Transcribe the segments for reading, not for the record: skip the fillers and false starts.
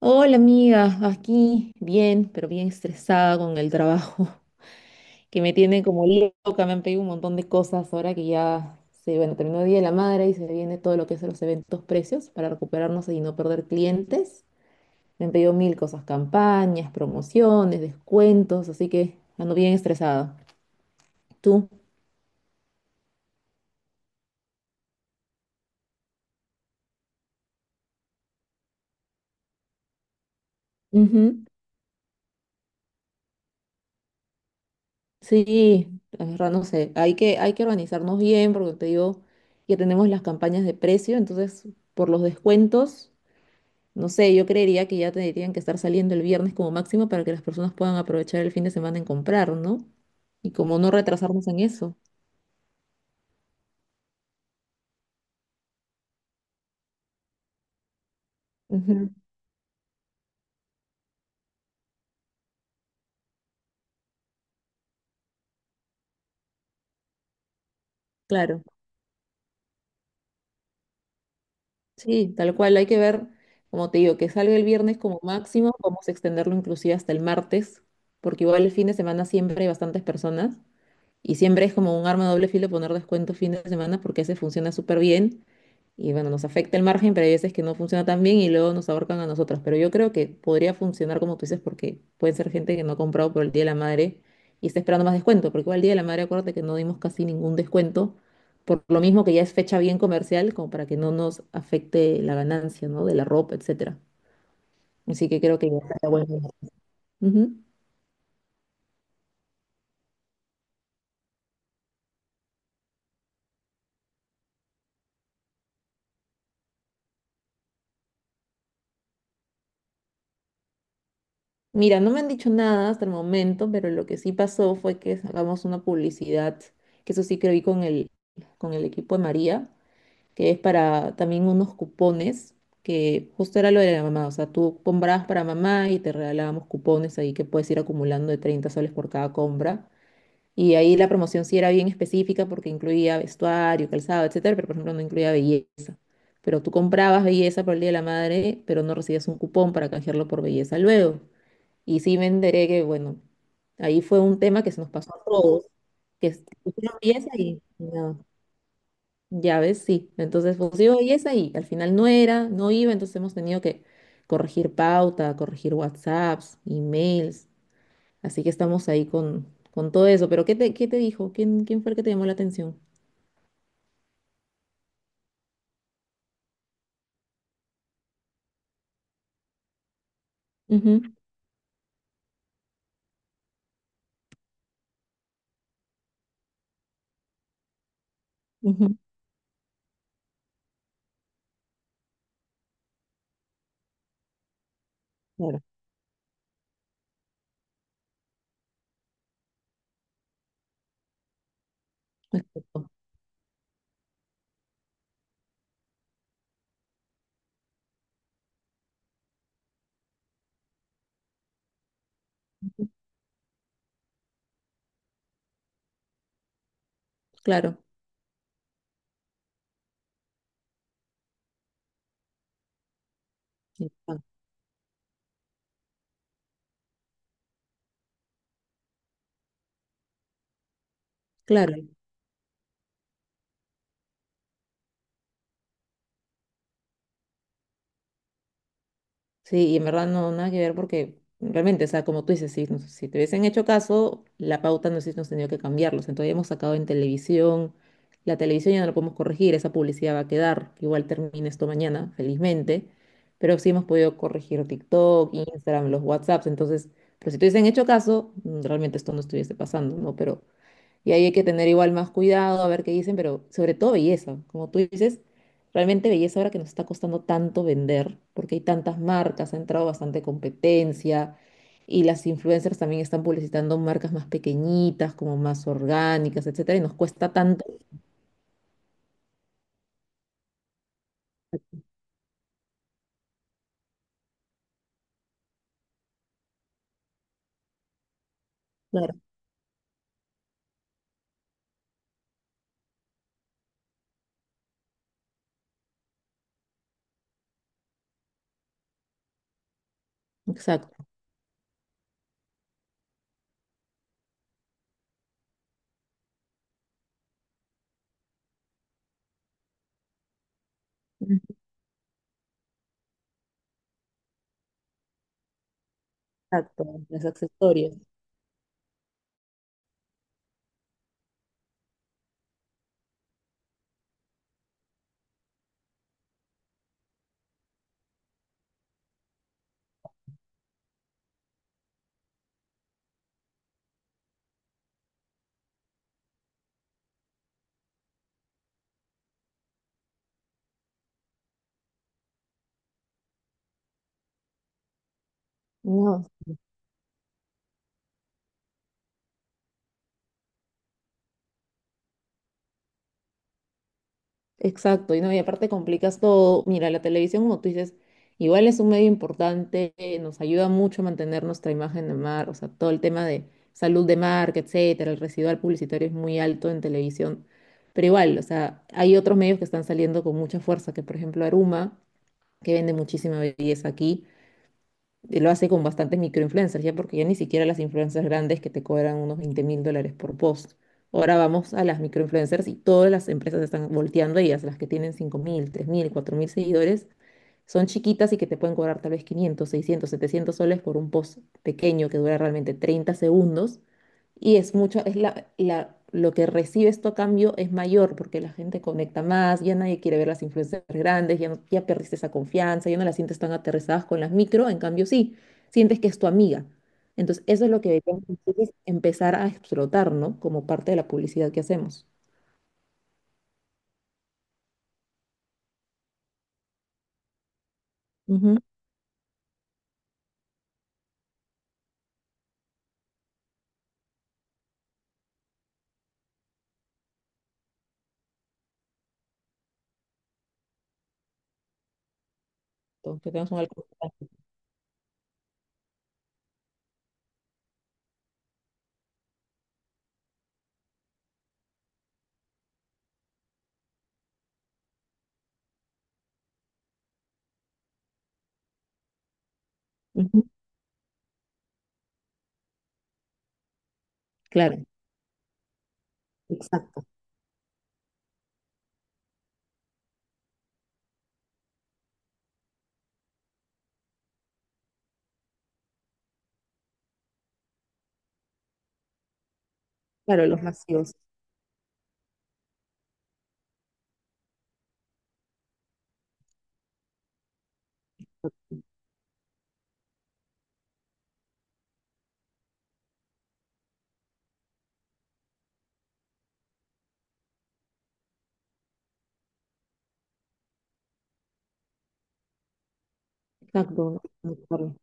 Hola amiga, aquí bien, pero bien estresada con el trabajo, que me tiene como loca. Me han pedido un montón de cosas ahora que ya se, bueno, terminó el Día de la Madre y se viene todo lo que es los eventos precios para recuperarnos y no perder clientes. Me han pedido mil cosas, campañas, promociones, descuentos, así que ando bien estresada. ¿Tú? Ujú. Sí, la verdad no sé, hay que organizarnos bien porque te digo, ya tenemos las campañas de precio, entonces por los descuentos. No sé, yo creería que ya tendrían que estar saliendo el viernes como máximo para que las personas puedan aprovechar el fin de semana en comprar, ¿no? Y como no retrasarnos en eso. Ujú. Claro, sí, tal cual, hay que ver, como te digo, que salga el viernes como máximo, vamos a extenderlo inclusive hasta el martes, porque igual el fin de semana siempre hay bastantes personas y siempre es como un arma de doble filo poner descuento fin de semana porque ese funciona súper bien. Y bueno, nos afecta el margen, pero hay veces que no funciona tan bien y luego nos ahorcan a nosotras. Pero yo creo que podría funcionar como tú dices, porque pueden ser gente que no ha comprado por el Día de la Madre y está esperando más descuento, porque igual el Día de la Madre, acuérdate que no dimos casi ningún descuento, por lo mismo que ya es fecha bien comercial, como para que no nos afecte la ganancia, ¿no? De la ropa, etcétera. Así que creo que ya está bueno. Ujú. Mira, no me han dicho nada hasta el momento, pero lo que sí pasó fue que sacamos una publicidad, que eso sí que vi con el equipo de María, que es para también unos cupones, que justo era lo de la mamá, o sea, tú comprabas para mamá y te regalábamos cupones ahí que puedes ir acumulando de 30 soles por cada compra. Y ahí la promoción sí era bien específica porque incluía vestuario, calzado, etcétera, pero por ejemplo no incluía belleza. Pero tú comprabas belleza por el Día de la Madre, pero no recibías un cupón para canjearlo por belleza luego. Y sí me enteré que, bueno, ahí fue un tema que se nos pasó a todos, que hicieron belleza y nada. Ya ves, sí. Entonces, pues yo, y es ahí. Al final no era, no iba, entonces hemos tenido que corregir pauta, corregir WhatsApps, emails. Así que estamos ahí con todo eso. Pero ¿qué te dijo? ¿Quién fue el que te llamó la atención? Ujú. Ujú. Claro. Exacto. Claro. Exacto. Claro. Sí, y en verdad no, nada que ver porque realmente, o sea, como tú dices, si, si te hubiesen hecho caso, la pauta no hubiésemos tenido que cambiarlos. Entonces hemos sacado en televisión, la televisión ya no la podemos corregir, esa publicidad va a quedar, igual termina esto mañana, felizmente, pero sí hemos podido corregir TikTok, Instagram, los WhatsApps, entonces, pero si te hubiesen hecho caso, realmente esto no estuviese pasando, ¿no? Pero y ahí hay que tener igual más cuidado, a ver qué dicen, pero sobre todo belleza. Como tú dices, realmente belleza ahora que nos está costando tanto vender, porque hay tantas marcas, ha entrado bastante competencia y las influencers también están publicitando marcas más pequeñitas, como más orgánicas, etcétera, y nos cuesta tanto. Claro, exacto. Exacto, los accesorios. No, exacto, y no, y aparte complicas todo. Mira, la televisión, como tú dices, igual es un medio importante, nos ayuda mucho a mantener nuestra imagen de mar, o sea, todo el tema de salud de marca, etcétera, el residual publicitario es muy alto en televisión, pero igual, o sea, hay otros medios que están saliendo con mucha fuerza, que por ejemplo Aruma, que vende muchísima belleza aquí, y lo hace con bastantes microinfluencers, ya porque ya ni siquiera las influencers grandes que te cobran unos 20.000 dólares por post. Ahora vamos a las microinfluencers y todas las empresas están volteando a ellas, las que tienen 5.000, 3.000, 4.000 seguidores, son chiquitas y que te pueden cobrar tal vez 500, 600, 700 soles por un post pequeño que dura realmente 30 segundos, y es mucho. Es la, lo que recibe esto a cambio es mayor porque la gente conecta más, ya nadie quiere ver las influencias grandes, ya, ya perdiste esa confianza, ya no las sientes tan aterrizadas con las micro, en cambio sí, sientes que es tu amiga. Entonces, eso es lo que deberíamos nosotros empezar a explotar, ¿no? Como parte de la publicidad que hacemos. Ujú. Entonces, que tengas un alcance. Ujú. Claro, exacto. Claro, los masivos. Exacto. ¿No?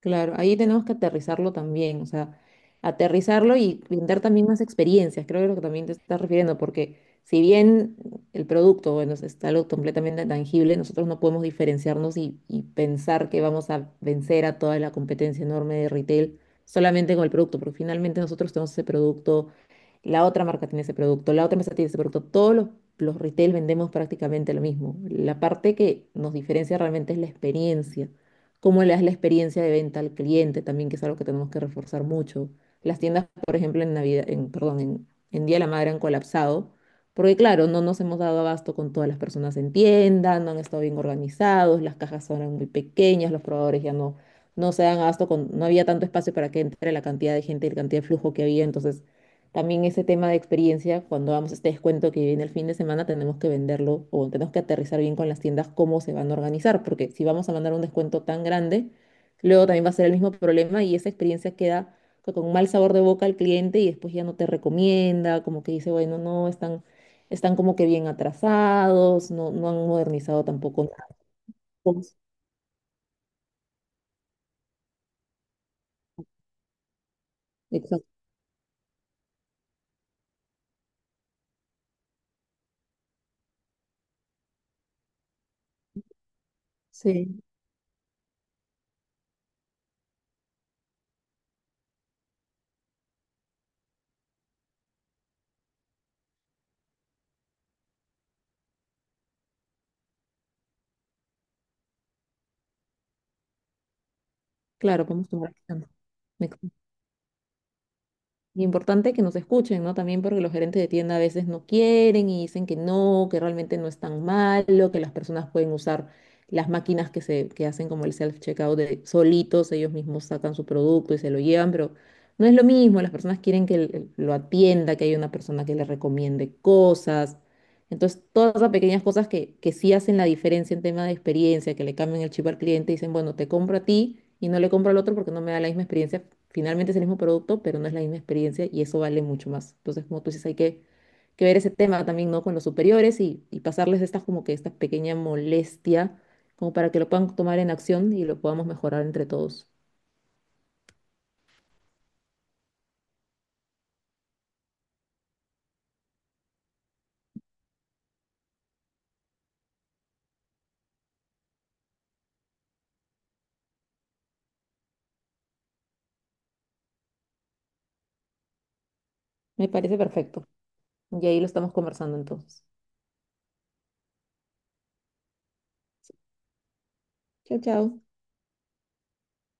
Claro, ahí tenemos que aterrizarlo también, o sea, aterrizarlo y brindar también más experiencias, creo que es lo que también te estás refiriendo, porque si bien el producto, bueno, es algo completamente tangible, nosotros no podemos diferenciarnos y pensar que vamos a vencer a toda la competencia enorme de retail solamente con el producto, porque finalmente nosotros tenemos ese producto, la otra marca tiene ese producto, la otra empresa tiene ese producto. Todos los retail vendemos prácticamente lo mismo. La parte que nos diferencia realmente es la experiencia. Cómo le das la experiencia de venta al cliente también, que es algo que tenemos que reforzar mucho. Las tiendas, por ejemplo, en Navidad, en, perdón, en Día de la Madre han colapsado, porque claro, no nos hemos dado abasto con todas las personas en tienda, no han estado bien organizados, las cajas son muy pequeñas, los probadores ya no se dan abasto con, no había tanto espacio para que entre la cantidad de gente y la cantidad de flujo que había, entonces también ese tema de experiencia, cuando vamos a este descuento que viene el fin de semana, tenemos que venderlo o tenemos que aterrizar bien con las tiendas cómo se van a organizar, porque si vamos a mandar un descuento tan grande, luego también va a ser el mismo problema y esa experiencia queda con mal sabor de boca al cliente y después ya no te recomienda, como que dice, bueno, no, están como que bien atrasados, no han modernizado tampoco nada. Exacto. Sí, claro, podemos tomar acción. Y importante que nos escuchen, ¿no? También porque los gerentes de tienda a veces no quieren y dicen que no, que realmente no es tan malo, que las personas pueden usar las máquinas que hacen como el self-checkout de solitos, ellos mismos sacan su producto y se lo llevan, pero no es lo mismo, las personas quieren que lo atienda, que haya una persona que le recomiende cosas, entonces, todas esas pequeñas cosas que sí hacen la diferencia en tema de experiencia, que le cambian el chip al cliente, dicen, bueno, te compro a ti y no le compro al otro porque no me da la misma experiencia. Finalmente es el mismo producto, pero no es la misma experiencia y eso vale mucho más. Entonces, como tú dices, hay que ver ese tema también, ¿no? Con los superiores y pasarles estas como que esta pequeña molestia, como para que lo puedan tomar en acción y lo podamos mejorar entre todos. Me parece perfecto. Y ahí lo estamos conversando entonces. Chao, chao.